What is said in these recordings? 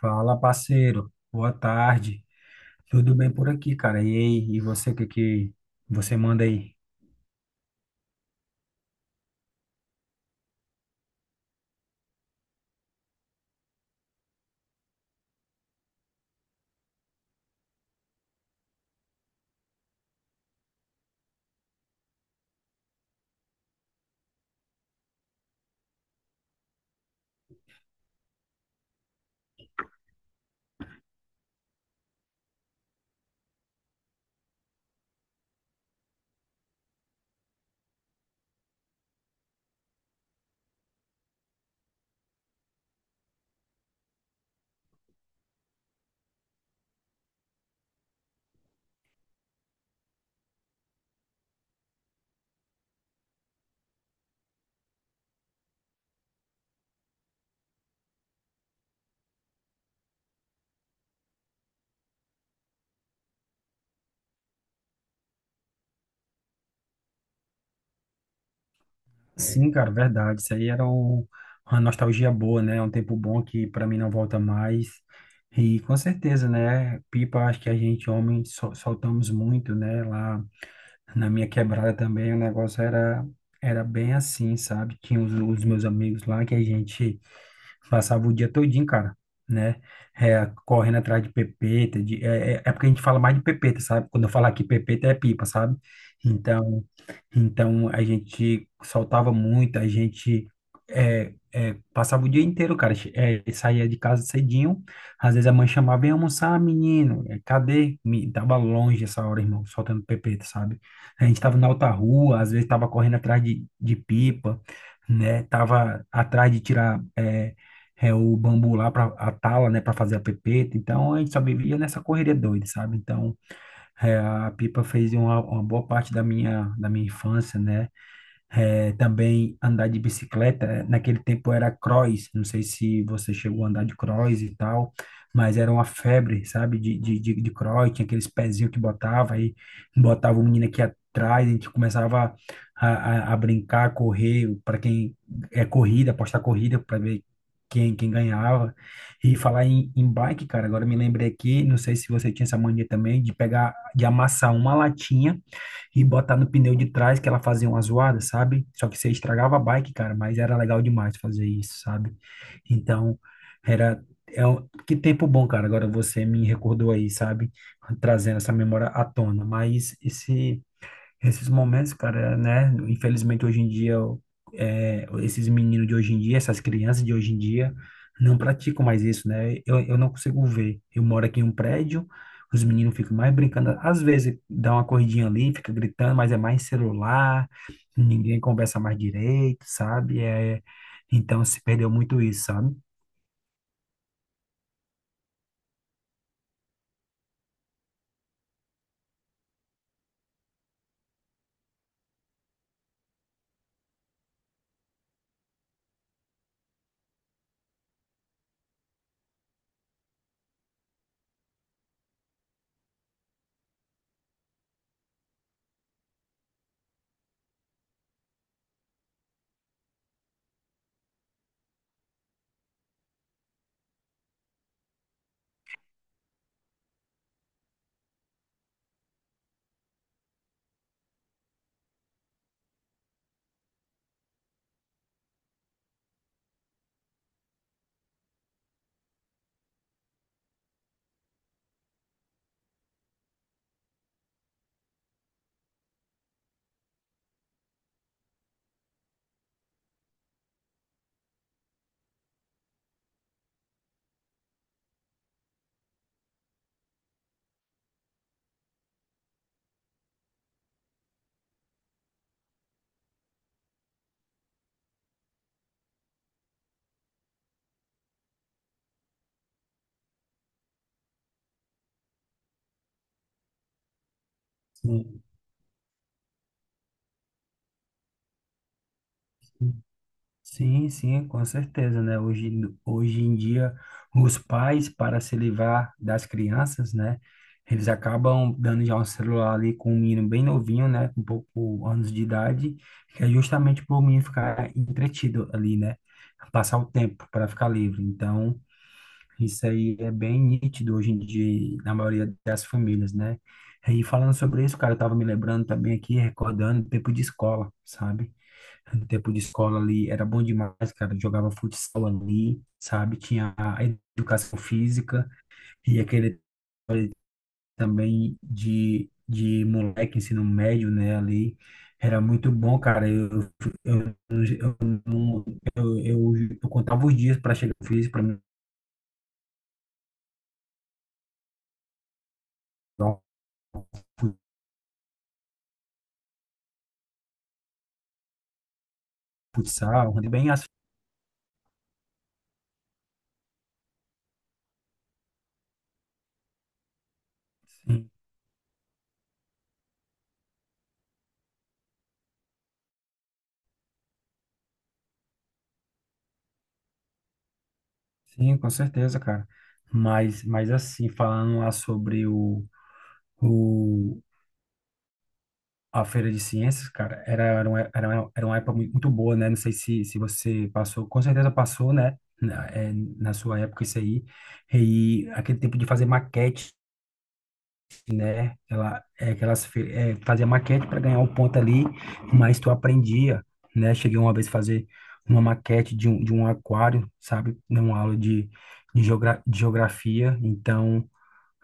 Fala, parceiro. Boa tarde. Tudo bem por aqui, cara? E aí, e você, o que que você manda aí? Sim, cara, verdade. Uma nostalgia boa, né? Um tempo bom que pra mim não volta mais. E com certeza, né? Pipa, acho que a gente, homem, soltamos muito, né? Lá na minha quebrada também, era bem assim, sabe? Tinha os meus amigos lá que a gente. Passava o dia todinho, cara, né? Correndo atrás de pepeta, de, é, é é porque a gente fala mais de pepeta, sabe? Quando eu falar aqui pepeta é pipa, sabe? Então, então a gente soltava muito, a gente é, é, passava o dia inteiro, cara. Saía de casa cedinho, às vezes a mãe chamava: vem almoçar, menino. Cadê? Tava longe essa hora, irmão, soltando pepeta, sabe? A gente tava na outra rua, às vezes tava correndo atrás de, pipa, né? Tava atrás de tirar é o bambu lá para a tala, né, para fazer a pepeta. Então a gente só vivia nessa correria doida, sabe? A pipa fez uma boa parte da minha infância, né? É, também andar de bicicleta, é, naquele tempo era cross. Não sei se você chegou a andar de cross e tal, mas era uma febre, sabe, de cross. Tinha aqueles pezinhos que botava, aí botava o menino aqui atrás, a gente começava a brincar, a correr, para quem é corrida, apostar corrida para ver quem ganhava. E falar em bike, cara, agora me lembrei aqui, não sei se você tinha essa mania também, de pegar, de amassar uma latinha e botar no pneu de trás, que ela fazia uma zoada, sabe? Só que você estragava a bike, cara, mas era legal demais fazer isso, sabe? Então, era. É um, que tempo bom, cara. Agora você me recordou aí, sabe? Trazendo essa memória à tona. Esses momentos, cara, né? Infelizmente, hoje em dia, esses meninos de hoje em dia, essas crianças de hoje em dia, não praticam mais isso, né? Eu não consigo ver. Eu moro aqui em um prédio, os meninos ficam mais brincando. Às vezes, dá uma corridinha ali, fica gritando, mas é mais celular, ninguém conversa mais direito, sabe? Então, se perdeu muito isso, sabe? Sim. Sim, com certeza, né? Hoje em dia, os pais, para se livrar das crianças, né? Eles acabam dando já um celular ali com um menino bem novinho, né? Com pouco anos de idade, que é justamente para o menino ficar entretido ali, né? Passar o tempo para ficar livre. Então, isso aí é bem nítido hoje em dia na maioria das famílias, né? E falando sobre isso, cara, eu tava me lembrando também aqui, recordando o tempo de escola, sabe? No tempo de escola ali era bom demais, cara. Jogava futsal ali, sabe? Tinha a educação física e aquele também de moleque, ensino médio, né? Ali era muito bom, cara. Eu, não- eu, eu, eu contava os dias para chegar no físico, para jogar um futsal, bem assim. Sim, sim, com certeza, cara. Mas assim, falando lá sobre o, a feira de ciências, cara, era uma época muito boa, né? Não sei se você passou, com certeza passou, né? Na sua época, isso aí. E aquele tempo de fazer maquete, né? Ela, é, aquelas, fe- é, Fazia maquete para ganhar um ponto ali, mas tu aprendia, né? Cheguei uma vez a fazer uma maquete de um aquário, sabe? Numa aula de, geogra de geografia. Então,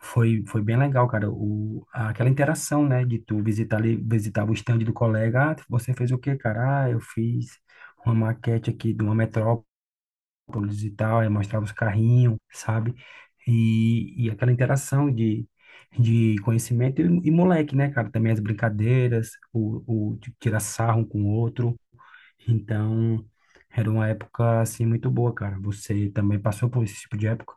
foi, foi bem legal, cara, aquela interação, né, de tu visitar ali, visitava o stand do colega: ah, você fez o quê, cara? Ah, eu fiz uma maquete aqui de uma metrópolis e tal, aí mostrava os carrinhos, sabe? E aquela interação de conhecimento e moleque, né, cara? Também as brincadeiras, o de tirar sarro um com o outro. Então, era uma época, assim, muito boa, cara. Você também passou por esse tipo de época?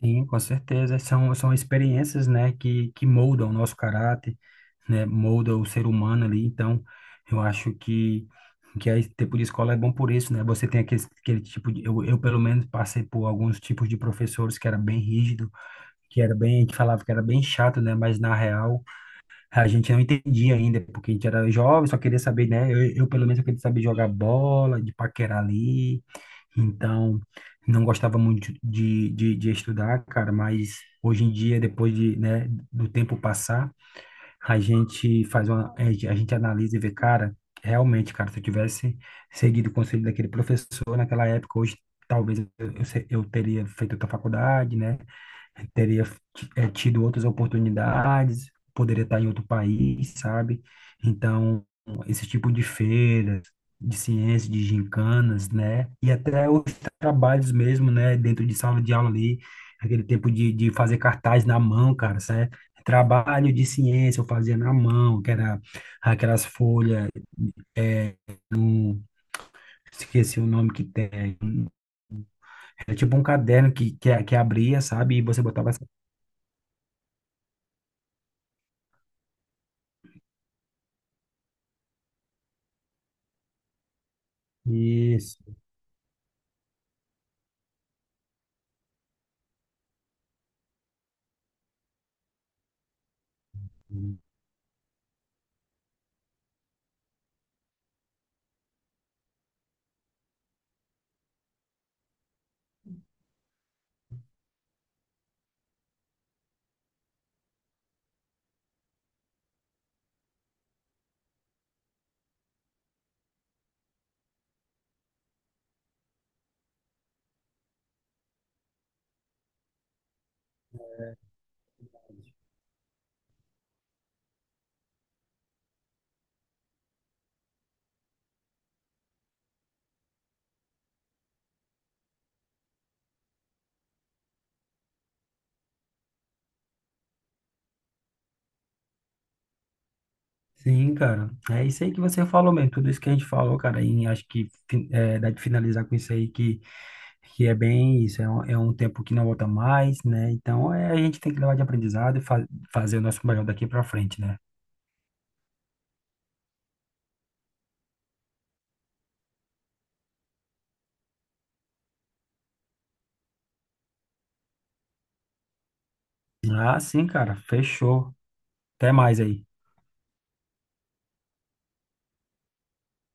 Sim, com certeza. São experiências, né, que moldam o nosso caráter, né, molda o ser humano ali. Então, eu acho que a tipo de escola é bom por isso, né? Você tem aquele tipo de... pelo menos, passei por alguns tipos de professores que era bem rígido, que era bem... que falava que era bem chato, né? Mas, na real, a gente não entendia ainda, porque a gente era jovem, só queria saber, né? Eu pelo menos, eu queria saber jogar bola, de paquerar ali. Então, não gostava muito de estudar, cara, mas hoje em dia, depois de, né, do tempo passar, a gente faz uma, a gente analisa e vê, cara, realmente, cara, se eu tivesse seguido o conselho daquele professor naquela época, hoje talvez eu, se- eu teria feito outra faculdade, né? Teria tido outras oportunidades, poderia estar em outro país, sabe? Então, esse tipo de feiras, de ciência, de gincanas, né? E até os trabalhos mesmo, né? Dentro de sala de aula ali, aquele tempo de fazer cartaz na mão, cara, sabe? Trabalho de ciência eu fazia na mão, que era aquelas folhas, eh, esqueci o nome que tem. Era tipo um caderno que abria, sabe? E você botava essa- isso. Sim, cara. É isso aí que você falou mesmo. Tudo isso que a gente falou, cara, e acho dá de finalizar com isso aí que é bem isso. É um tempo que não volta mais, né? A gente tem que levar de aprendizado e fa fazer o nosso melhor daqui pra frente, né? Ah, sim, cara. Fechou. Até mais aí.